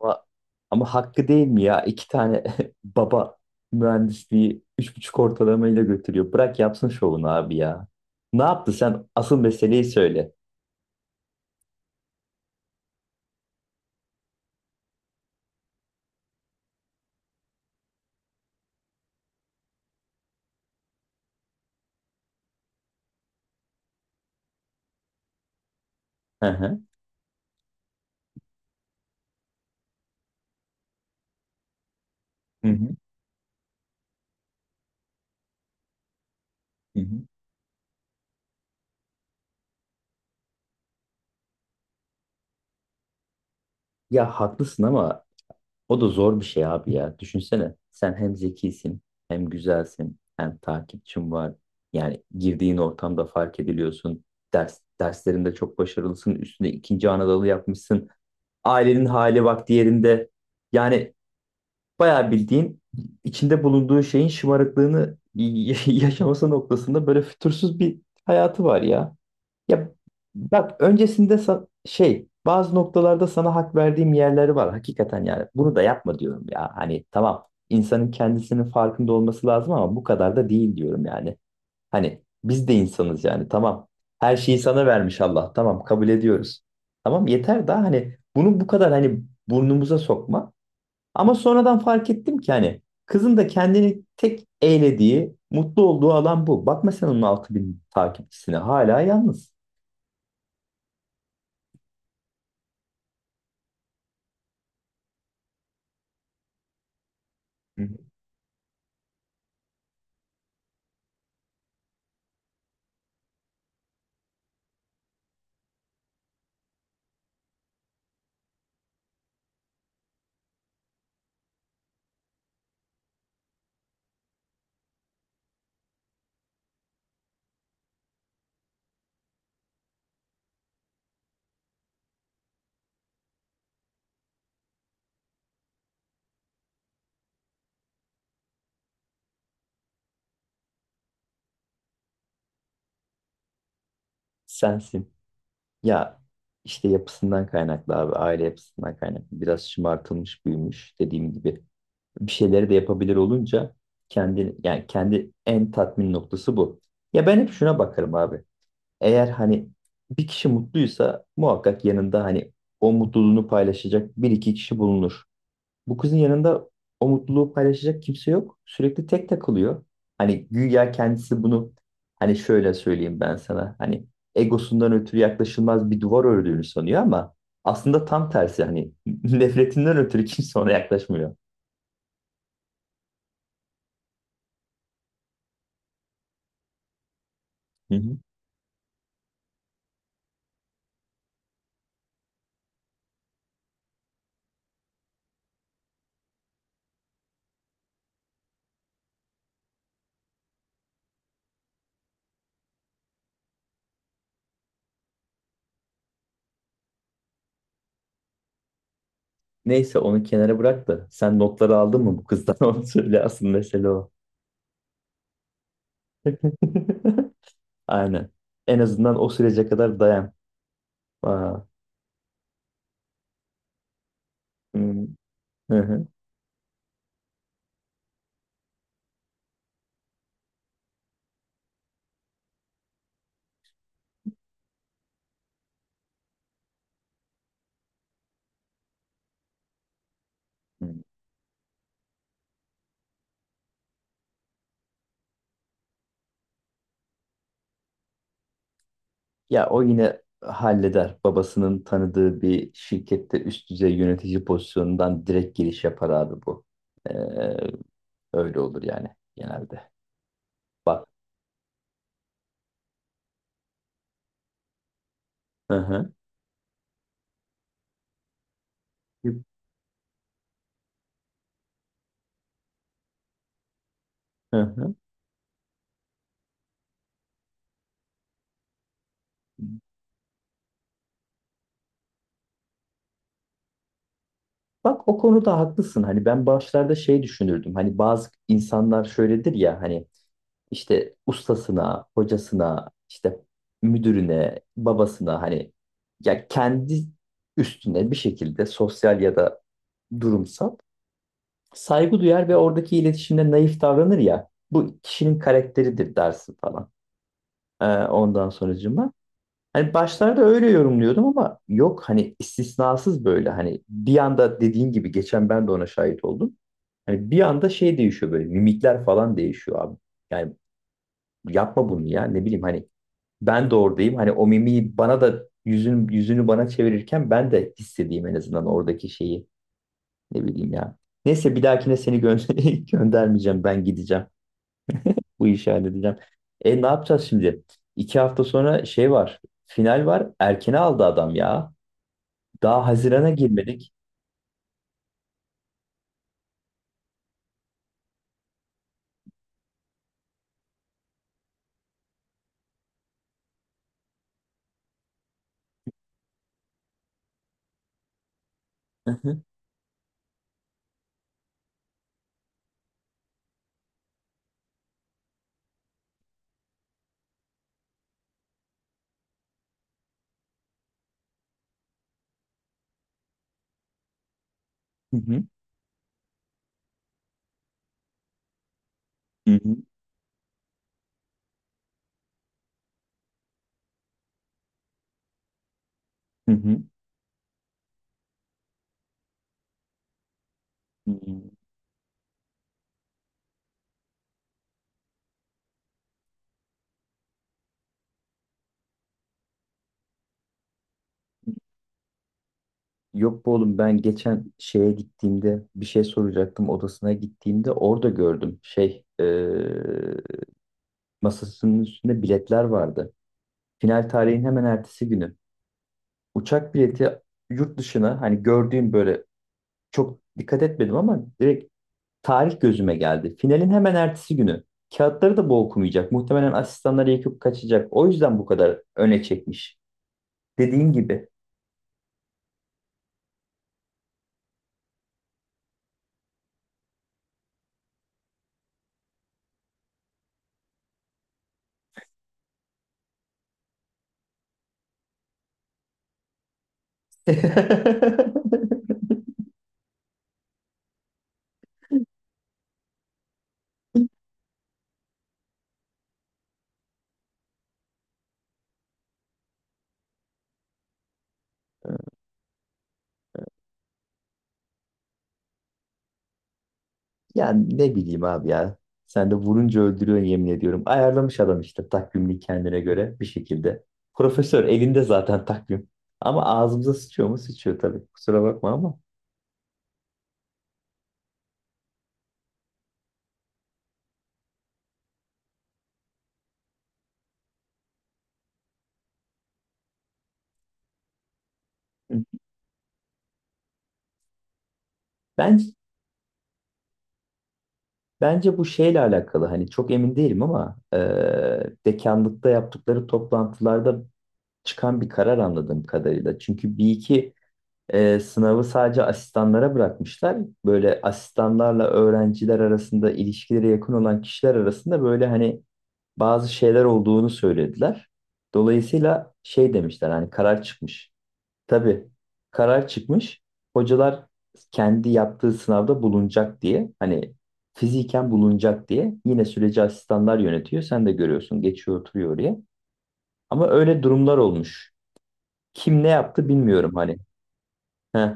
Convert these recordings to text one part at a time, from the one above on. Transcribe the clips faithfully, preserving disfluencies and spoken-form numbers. Ama, ama hakkı değil mi ya? İki tane baba mühendisliği üç buçuk ortalamayla götürüyor. Bırak yapsın şovunu abi ya. Ne yaptı sen? Asıl meseleyi söyle. Hı hı. Hı hı. Hı hı. Ya haklısın ama o da zor bir şey abi ya. Düşünsene. Sen hem zekisin, hem güzelsin, hem takipçin var. Yani girdiğin ortamda fark ediliyorsun. Ders, derslerinde çok başarılısın. Üstüne ikinci Anadolu yapmışsın. Ailenin hali vakti yerinde. Yani bayağı bildiğin içinde bulunduğu şeyin şımarıklığını y- y- yaşaması noktasında böyle fütursuz bir hayatı var ya. Ya bak öncesinde sa- şey bazı noktalarda sana hak verdiğim yerleri var hakikaten yani bunu da yapma diyorum ya hani tamam insanın kendisinin farkında olması lazım ama bu kadar da değil diyorum yani hani biz de insanız yani tamam her şeyi sana vermiş Allah tamam kabul ediyoruz tamam yeter daha hani bunu bu kadar hani burnumuza sokma ama sonradan fark ettim ki hani kızın da kendini tek eğlediği mutlu olduğu alan bu bakma sen onun altı bin takipçisine hala yalnız. Sensin. Ya işte yapısından kaynaklı abi. Aile yapısından kaynaklı. Biraz şımartılmış büyümüş dediğim gibi. Bir şeyleri de yapabilir olunca kendi yani kendi en tatmin noktası bu. Ya ben hep şuna bakarım abi. Eğer hani bir kişi mutluysa muhakkak yanında hani o mutluluğunu paylaşacak bir iki kişi bulunur. Bu kızın yanında o mutluluğu paylaşacak kimse yok. Sürekli tek takılıyor. Hani güya kendisi bunu hani şöyle söyleyeyim ben sana. Hani egosundan ötürü yaklaşılmaz bir duvar ördüğünü sanıyor ama aslında tam tersi hani nefretinden ötürü kimse ona yaklaşmıyor. Hı hı. Neyse onu kenara bırak da sen notları aldın mı bu kızdan onu söyle asıl mesele o. Aynen. En azından o sürece kadar dayan. Aa. Hı hı. Hı hı. Ya o yine halleder. Babasının tanıdığı bir şirkette üst düzey yönetici pozisyonundan direkt giriş yapar abi bu. Ee, öyle olur yani genelde. Bak. Hı hı. Hı hı. Bak o konuda haklısın. Hani ben başlarda şey düşünürdüm. Hani bazı insanlar şöyledir ya hani işte ustasına, hocasına, işte müdürüne, babasına hani ya kendi üstüne bir şekilde sosyal ya da durumsal saygı duyar ve oradaki iletişimde naif davranır ya. Bu kişinin karakteridir dersin falan. Ee, ondan sonracığıma. Hani başlarda öyle yorumluyordum ama yok hani istisnasız böyle hani bir anda dediğin gibi geçen ben de ona şahit oldum. Hani bir anda şey değişiyor böyle mimikler falan değişiyor abi. Yani yapma bunu ya ne bileyim hani ben de oradayım. Hani o mimiği bana da yüzünü, yüzünü bana çevirirken ben de hissedeyim en azından oradaki şeyi ne bileyim ya. Neyse bir dahakine seni gö- göndermeyeceğim. Ben gideceğim. Bu işi halledeceğim. E ne yapacağız şimdi? İki hafta sonra şey var. Final var. Erkene aldı adam ya. Daha Haziran'a girmedik. Hı hı. Hı hı. Hı hı. Hı hı. Hı hı. Yok bu oğlum ben geçen şeye gittiğimde bir şey soracaktım odasına gittiğimde orada gördüm şey eee, masasının üstünde biletler vardı. Final tarihin hemen ertesi günü. Uçak bileti yurt dışına hani gördüğüm böyle çok dikkat etmedim ama direkt tarih gözüme geldi. Finalin hemen ertesi günü. Kağıtları da bu okumayacak. Muhtemelen asistanları yakıp kaçacak. O yüzden bu kadar öne çekmiş. Dediğin gibi. Yani ne bileyim abi ya. Sen de vurunca öldürüyorsun yemin ediyorum. Ayarlamış adam işte takvimini kendine göre bir şekilde. Profesör elinde zaten takvim. Ama ağzımıza sıçıyor mu? Sıçıyor tabii. Kusura bakma ama. Hı. Ben Bence bu şeyle alakalı hani çok emin değilim ama e, dekanlıkta yaptıkları toplantılarda çıkan bir karar anladığım kadarıyla. Çünkü bir iki e, sınavı sadece asistanlara bırakmışlar. Böyle asistanlarla öğrenciler arasında ilişkileri yakın olan kişiler arasında böyle hani bazı şeyler olduğunu söylediler. Dolayısıyla şey demişler hani karar çıkmış. Tabii karar çıkmış. Hocalar kendi yaptığı sınavda bulunacak diye hani fiziken bulunacak diye yine süreci asistanlar yönetiyor. Sen de görüyorsun geçiyor oturuyor oraya. Ama öyle durumlar olmuş. Kim ne yaptı bilmiyorum hani. Heh,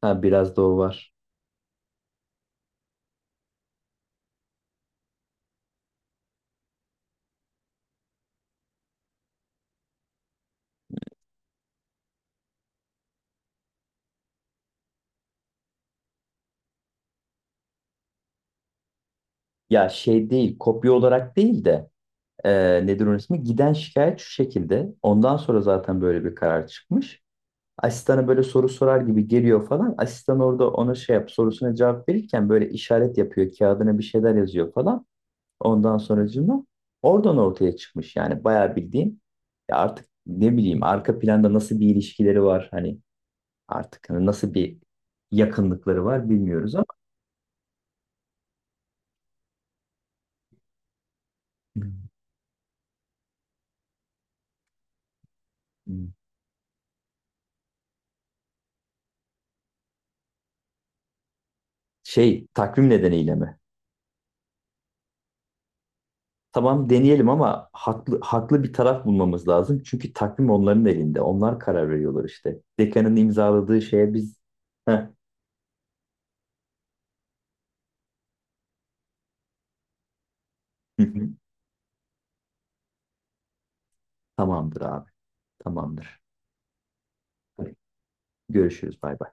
ha, biraz da o var. Ya şey değil kopya olarak değil de e, nedir onun ismi? Giden şikayet şu şekilde. Ondan sonra zaten böyle bir karar çıkmış. Asistana böyle soru sorar gibi geliyor falan. Asistan orada ona şey yap sorusuna cevap verirken böyle işaret yapıyor. Kağıdına bir şeyler yazıyor falan. Ondan sonracığıma oradan ortaya çıkmış. Yani bayağı bildiğin ya artık ne bileyim arka planda nasıl bir ilişkileri var hani artık hani nasıl bir yakınlıkları var bilmiyoruz ama Hmm. Şey takvim nedeniyle mi? Tamam deneyelim ama haklı haklı bir taraf bulmamız lazım. Çünkü takvim onların elinde. Onlar karar veriyorlar işte. Dekanın imzaladığı şeye biz Heh. Hı hı. Tamamdır abi. Tamamdır. Görüşürüz. Bay bay.